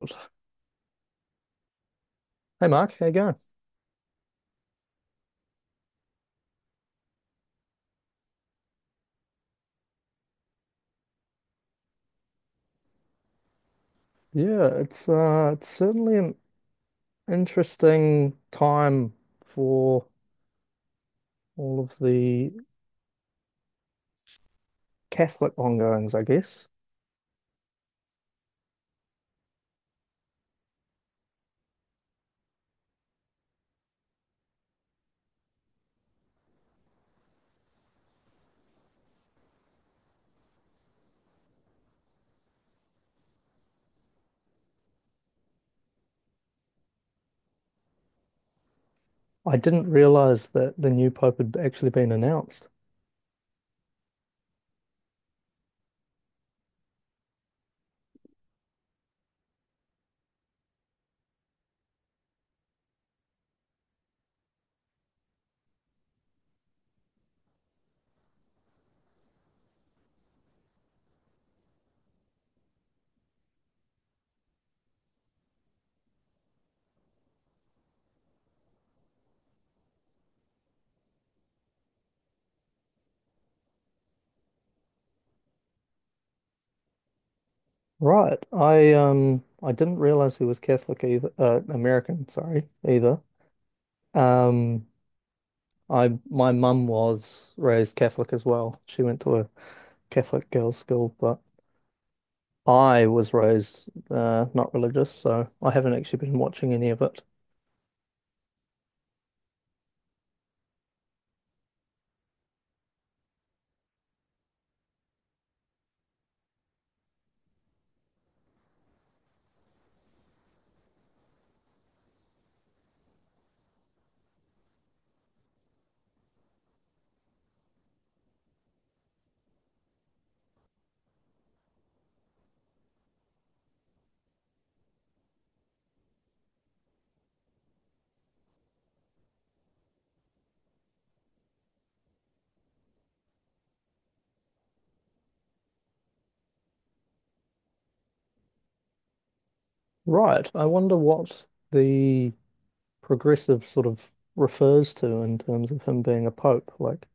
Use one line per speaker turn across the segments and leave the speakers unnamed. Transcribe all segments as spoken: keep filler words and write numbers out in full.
Hey Mark, how you going? Yeah, it's uh it's certainly an interesting time for all of the Catholic ongoings, I guess. I didn't realize that the new pope had actually been announced. Right. I um I didn't realize he was Catholic either, uh, American, sorry, either. Um I my mum was raised Catholic as well. She went to a Catholic girls' school, but I was raised uh, not religious, so I haven't actually been watching any of it. Right. I wonder what the progressive sort of refers to in terms of him being a pope. Like,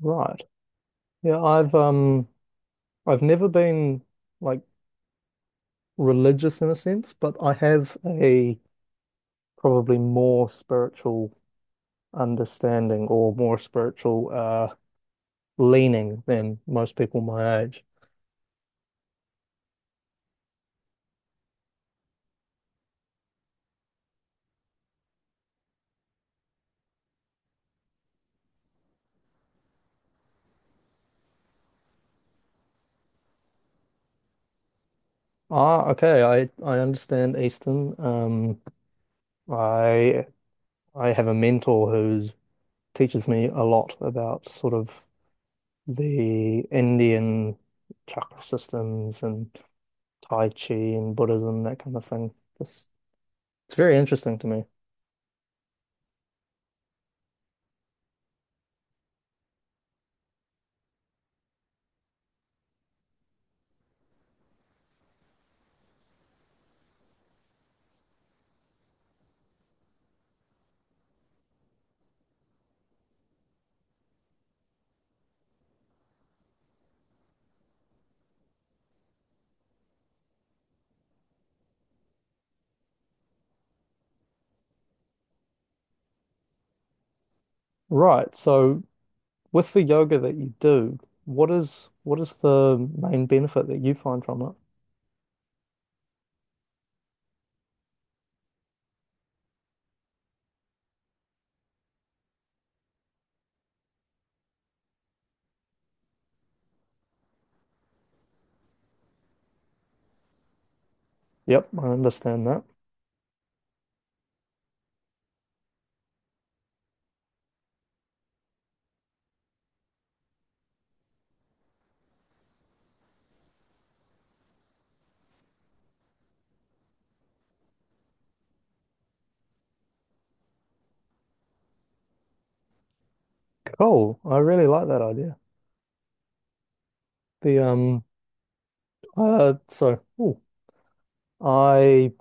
right. Yeah, I've um I've never been like religious in a sense, but I have a probably more spiritual understanding or more spiritual uh leaning than most people my age. Ah, okay, I I understand Eastern. Um I I have a mentor who teaches me a lot about sort of the Indian chakra systems and Tai Chi and Buddhism, that kind of thing. It's, it's very interesting to me. Right. So with the yoga that you do, what is what is the main benefit that you find from it? Yep, I understand that. Cool. I really like that idea. The um uh so ooh, I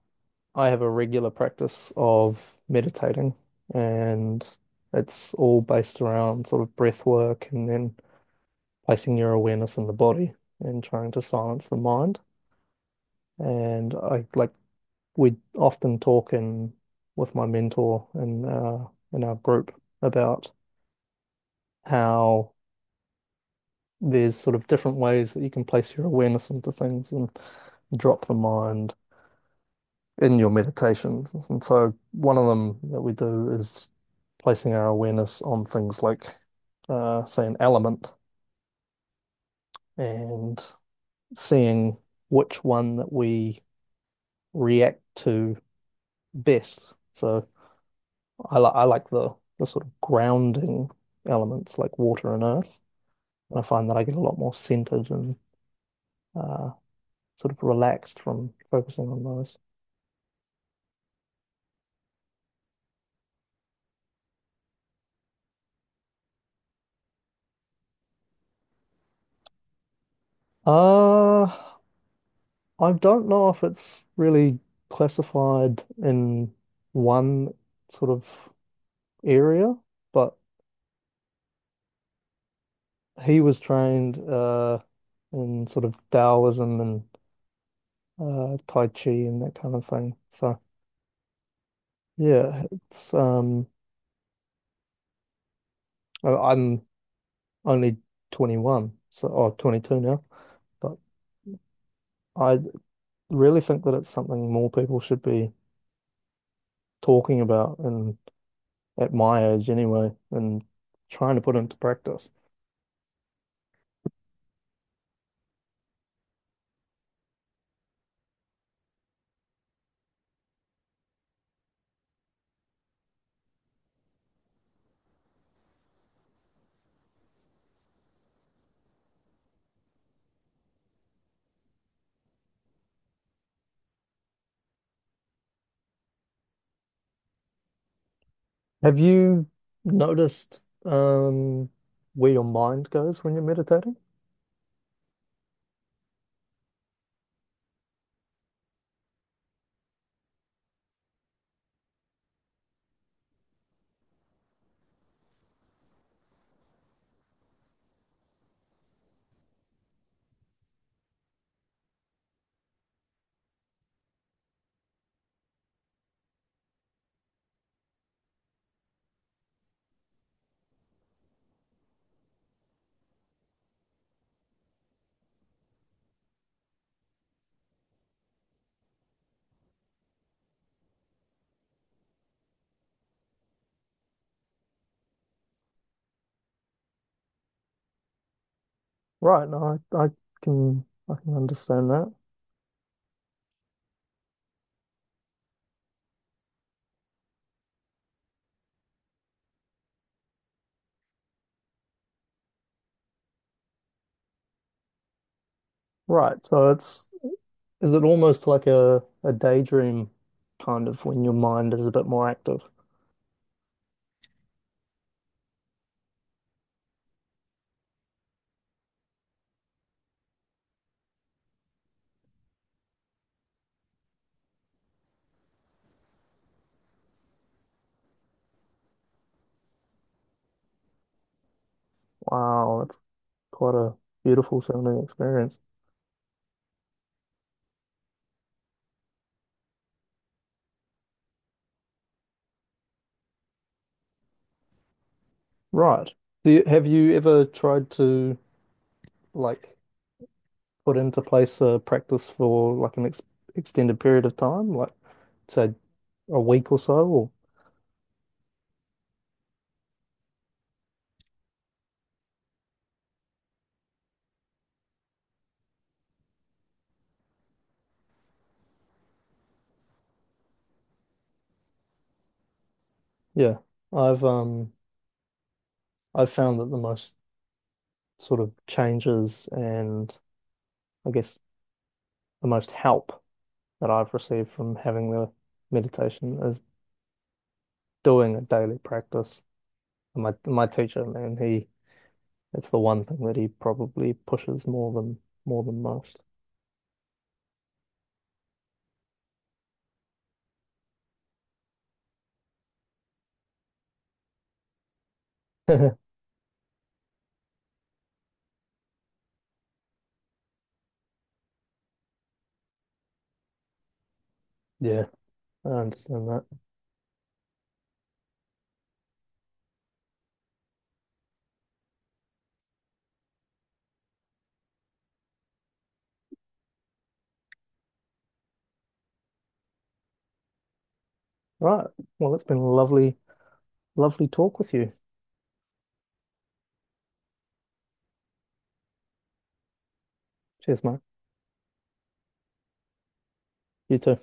I have a regular practice of meditating, and it's all based around sort of breath work and then placing your awareness in the body and trying to silence the mind. And I like we often talk in with my mentor in uh, in our group about how there's sort of different ways that you can place your awareness into things and drop the mind in your meditations. And so one of them that we do is placing our awareness on things like, uh, say, an element and seeing which one that we react to best. So I, li I like the, the sort of grounding elements like water and earth. And I find that I get a lot more centered and uh, sort of relaxed from focusing on those. Uh, I don't know if it's really classified in one sort of area, but he was trained uh, in sort of Taoism and uh, Tai Chi and that kind of thing. So yeah, it's um, I- I'm only twenty-one, so or twenty-two now, but I really think that it's something more people should be talking about and at my age anyway, and trying to put into practice. Have you noticed um, where your mind goes when you're meditating? Right, no, I, I can I can understand that. Right, so it's is it almost like a, a daydream kind of when your mind is a bit more active? Wow, that's quite a beautiful sounding experience. Right. Do you, have you ever tried to like put into place a practice for like an ex extended period of time, like say a week or so? Or yeah, I've um. I've found that the most sort of changes and I guess the most help that I've received from having the meditation is doing a daily practice. And my my teacher, man, he it's the one thing that he probably pushes more than more than most. Yeah, I understand that. Right. Well, it's been a lovely, lovely talk with you. Cheers, mate. You too.